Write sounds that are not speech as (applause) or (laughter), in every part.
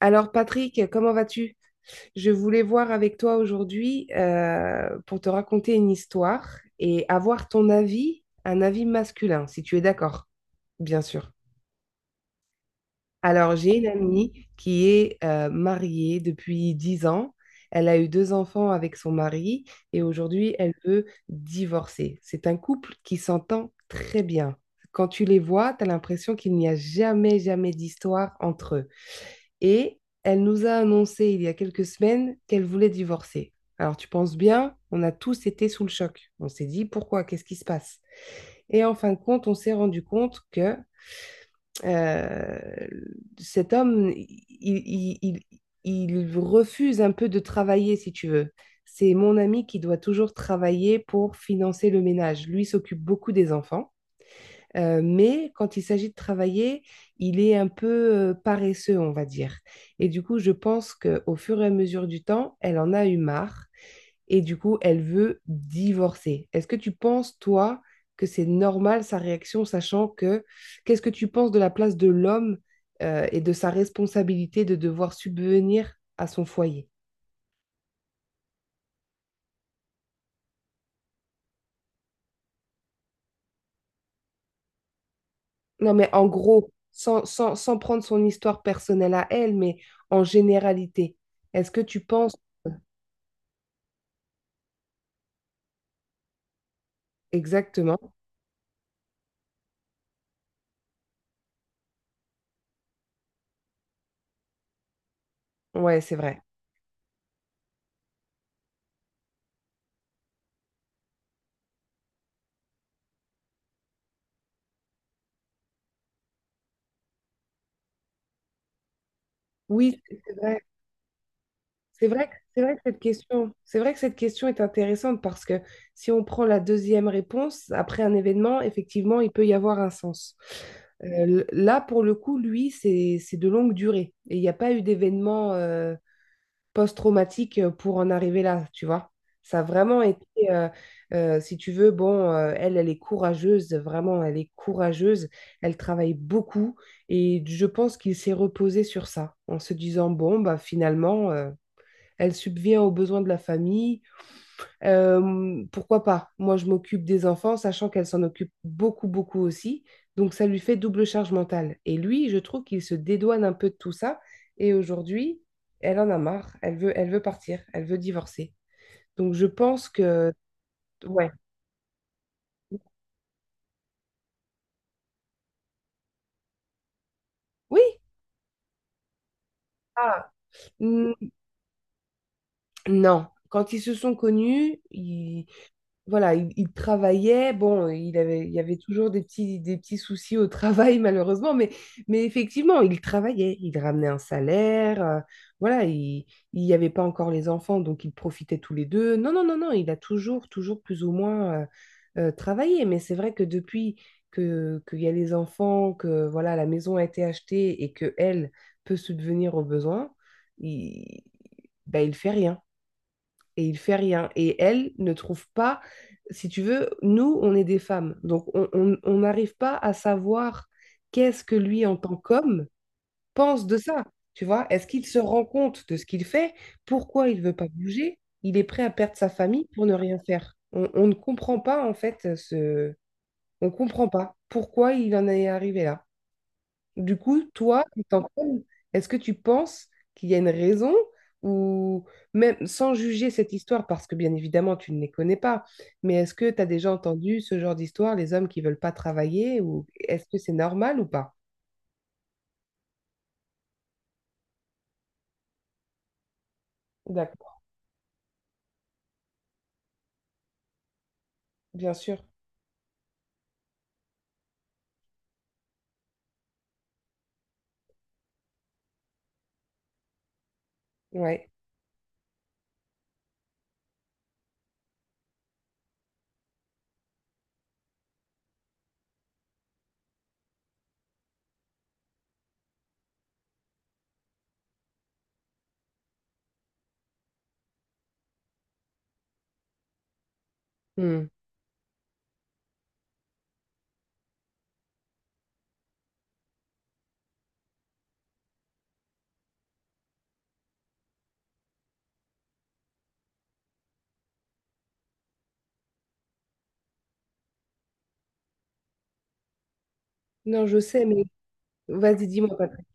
Alors Patrick, comment vas-tu? Je voulais voir avec toi aujourd'hui pour te raconter une histoire et avoir ton avis, un avis masculin, si tu es d'accord, bien sûr. Alors j'ai une amie qui est mariée depuis 10 ans. Elle a eu deux enfants avec son mari et aujourd'hui elle veut divorcer. C'est un couple qui s'entend très bien. Quand tu les vois, tu as l'impression qu'il n'y a jamais, jamais d'histoire entre eux. Et elle nous a annoncé il y a quelques semaines qu'elle voulait divorcer. Alors tu penses bien, on a tous été sous le choc. On s'est dit pourquoi, qu'est-ce qui se passe? Et en fin de compte, on s'est rendu compte que euh, cet homme, refuse un peu de travailler, si tu veux. C'est mon ami qui doit toujours travailler pour financer le ménage. Lui s'occupe beaucoup des enfants. Mais quand il s'agit de travailler, il est un peu paresseux, on va dire. Et du coup, je pense qu'au fur et à mesure du temps, elle en a eu marre et du coup, elle veut divorcer. Est-ce que tu penses, toi, que c'est normal sa réaction, sachant que qu'est-ce que tu penses de la place de l'homme et de sa responsabilité de devoir subvenir à son foyer? Non, mais en gros, sans prendre son histoire personnelle à elle, mais en généralité, est-ce que tu penses exactement? Ouais, c'est vrai. Oui, c'est vrai. C'est vrai que cette question, c'est vrai que cette question est intéressante parce que si on prend la deuxième réponse, après un événement, effectivement, il peut y avoir un sens. Là, pour le coup, lui, c'est de longue durée. Et il n'y a pas eu d'événement post-traumatique pour en arriver là, tu vois. Ça a vraiment été, euh, si tu veux, bon, elle, elle est courageuse, vraiment, elle est courageuse, elle travaille beaucoup et je pense qu'il s'est reposé sur ça en se disant, bon, bah, finalement, elle subvient aux besoins de la famille, pourquoi pas? Moi, je m'occupe des enfants, sachant qu'elle s'en occupe beaucoup, beaucoup aussi. Donc, ça lui fait double charge mentale. Et lui, je trouve qu'il se dédouane un peu de tout ça. Et aujourd'hui, elle en a marre. Elle veut partir. Elle veut divorcer. Donc, je pense que... Ouais. Oui. Ah. Mm. Non. Quand ils se sont connus, voilà, il travaillait. Bon, il y avait toujours des petits soucis au travail, (laughs) malheureusement, mais effectivement, il travaillait. Il ramenait un salaire. Voilà, il n'y avait pas encore les enfants, donc ils profitaient tous les deux. Non, non, non, non, il a toujours, toujours plus ou moins travaillé. Mais c'est vrai que depuis qu'il y a les enfants, que voilà, la maison a été achetée et que elle peut subvenir aux besoins, il, ben, il fait rien et il fait rien. Et elle ne trouve pas, si tu veux, nous, on est des femmes, donc on n'arrive pas à savoir qu'est-ce que lui, en tant qu'homme, pense de ça. Tu vois, est-ce qu'il se rend compte de ce qu'il fait? Pourquoi il veut pas bouger? Il est prêt à perdre sa famille pour ne rien faire. On ne comprend pas, en fait, ce... On comprend pas pourquoi il en est arrivé là. Du coup, toi, en tant qu'homme, est-ce que tu penses qu'il y a une raison ou même sans juger cette histoire, parce que bien évidemment, tu ne les connais pas, mais est-ce que tu as déjà entendu ce genre d'histoire, les hommes qui veulent pas travailler ou est-ce que c'est normal ou pas? D'accord, bien sûr. Ouais. Hmm. Non, je sais, mais vas-y, dis-moi, Patrick.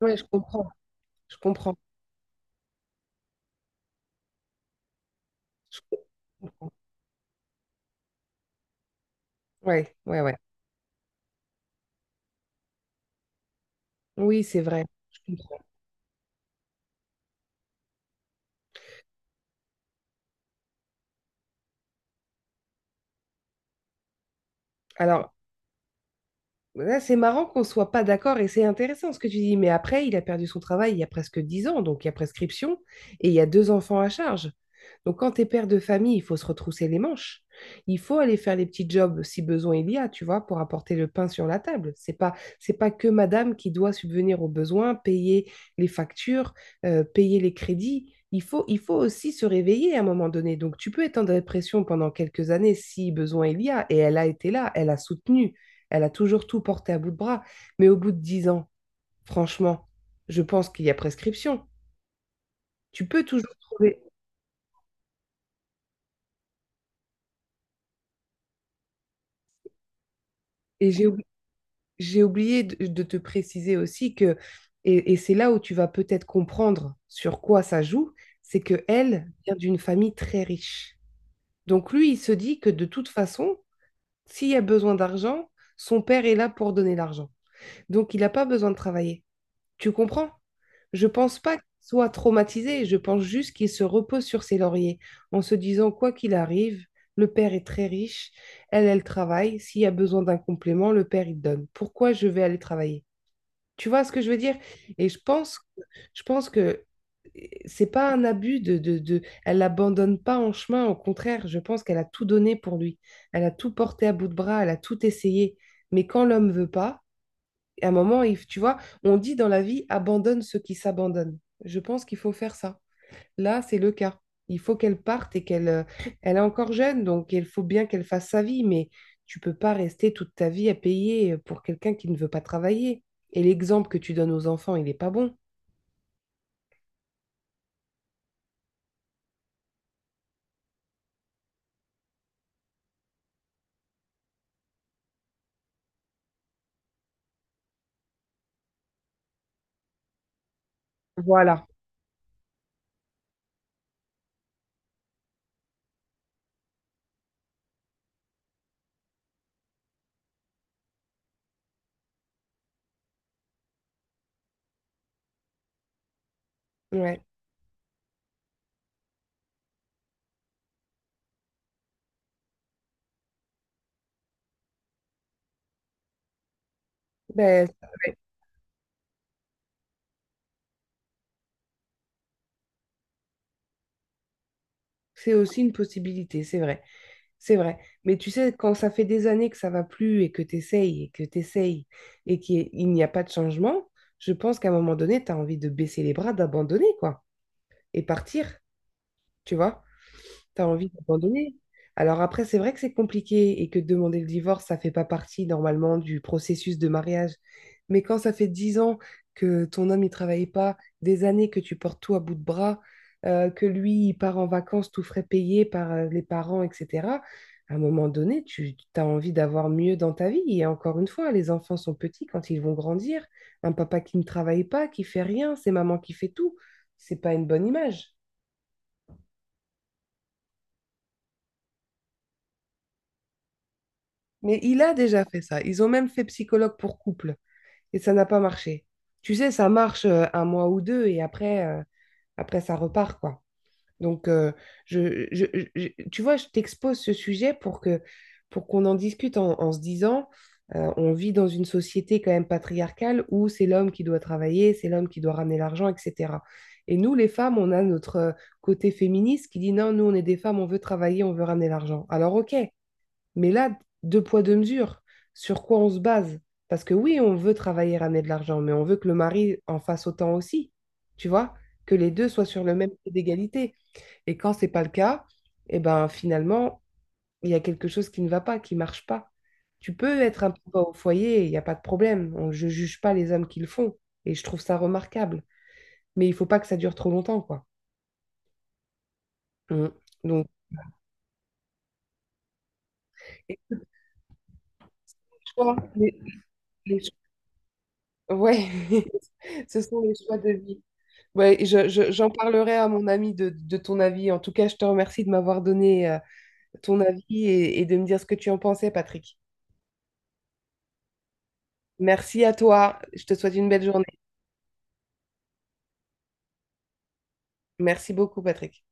Ouais, je comprends, je comprends. Je comprends. Ouais, ouais, ouais. Oui, c'est vrai, je comprends. Alors, ouais, c'est marrant qu'on soit pas d'accord et c'est intéressant ce que tu dis. Mais après, il a perdu son travail il y a presque 10 ans, donc il y a prescription et il y a deux enfants à charge. Donc quand tu es père de famille, il faut se retrousser les manches. Il faut aller faire les petits jobs si besoin il y a, tu vois, pour apporter le pain sur la table. C'est pas que madame qui doit subvenir aux besoins, payer les factures, payer les crédits. Il faut aussi se réveiller à un moment donné. Donc tu peux être en dépression pendant quelques années si besoin il y a. Et elle a été là, elle a soutenu, elle a toujours tout porté à bout de bras. Mais au bout de 10 ans, franchement, je pense qu'il y a prescription. Tu peux toujours trouver. Et j'ai oublié de te préciser aussi que, et c'est là où tu vas peut-être comprendre sur quoi ça joue, c'est que elle vient d'une famille très riche. Donc lui, il se dit que de toute façon, s'il y a besoin d'argent, son père est là pour donner l'argent. Donc il n'a pas besoin de travailler. Tu comprends? Je pense pas qu'il soit traumatisé, je pense juste qu'il se repose sur ses lauriers en se disant quoi qu'il arrive, le père est très riche, elle, elle travaille, s'il y a besoin d'un complément, le père il donne. Pourquoi je vais aller travailler? Tu vois ce que je veux dire? Et je pense que c'est pas un abus de elle l'abandonne pas en chemin, au contraire, je pense qu'elle a tout donné pour lui. Elle a tout porté à bout de bras, elle a tout essayé. Mais quand l'homme veut pas, et à un moment, tu vois, on dit dans la vie, abandonne ceux qui s'abandonnent. Je pense qu'il faut faire ça. Là, c'est le cas. Il faut qu'elle parte et qu'elle elle est encore jeune, donc il faut bien qu'elle fasse sa vie, mais tu peux pas rester toute ta vie à payer pour quelqu'un qui ne veut pas travailler. Et l'exemple que tu donnes aux enfants, il n'est pas bon. Voilà. Ouais. Ben, c'est aussi une possibilité, c'est vrai. C'est vrai. Mais tu sais, quand ça fait des années que ça va plus et que tu essayes et que tu essayes et qu'il n'y a pas de changement, je pense qu'à un moment donné, tu as envie de baisser les bras, d'abandonner, quoi, et partir, tu vois? Tu as envie d'abandonner. Alors après, c'est vrai que c'est compliqué et que demander le divorce, ça fait pas partie normalement du processus de mariage. Mais quand ça fait 10 ans que ton homme, il travaille pas, des années que tu portes tout à bout de bras, que lui, il part en vacances tout frais payé par les parents, etc., à un moment donné, tu as envie d'avoir mieux dans ta vie. Et encore une fois, les enfants sont petits quand ils vont grandir. Un papa qui ne travaille pas, qui fait rien, c'est maman qui fait tout. C'est pas une bonne image. Mais il a déjà fait ça. Ils ont même fait psychologue pour couple et ça n'a pas marché. Tu sais, ça marche un mois ou deux et après, après ça repart, quoi. Donc, je, je- tu vois, je t'expose ce sujet pour que, pour qu'on en discute en se disant, on vit dans une société quand même patriarcale où c'est l'homme qui doit travailler, c'est l'homme qui doit ramener l'argent, etc. Et nous, les femmes, on a notre côté féministe qui dit non, nous, on est des femmes, on veut travailler, on veut ramener l'argent. Alors, ok. Mais là, deux poids, deux mesures, sur quoi on se base? Parce que oui, on veut travailler, ramener de l'argent, mais on veut que le mari en fasse autant aussi, tu vois, que les deux soient sur le même pied d'égalité. Et quand c'est pas le cas, eh ben finalement, il y a quelque chose qui ne va pas, qui marche pas. Tu peux être un peu au foyer, il n'y a pas de problème. Je ne juge pas les hommes qui le font. Et je trouve ça remarquable. Mais il faut pas que ça dure trop longtemps, quoi. Mm. Donc, et les choix, les cho- ouais, (laughs) ce sont les choix de vie. Ouais, et j'en parlerai à mon ami de ton avis. En tout cas, je te remercie de m'avoir donné ton avis et de me dire ce que tu en pensais, Patrick. Merci à toi. Je te souhaite une belle journée. Merci beaucoup, Patrick.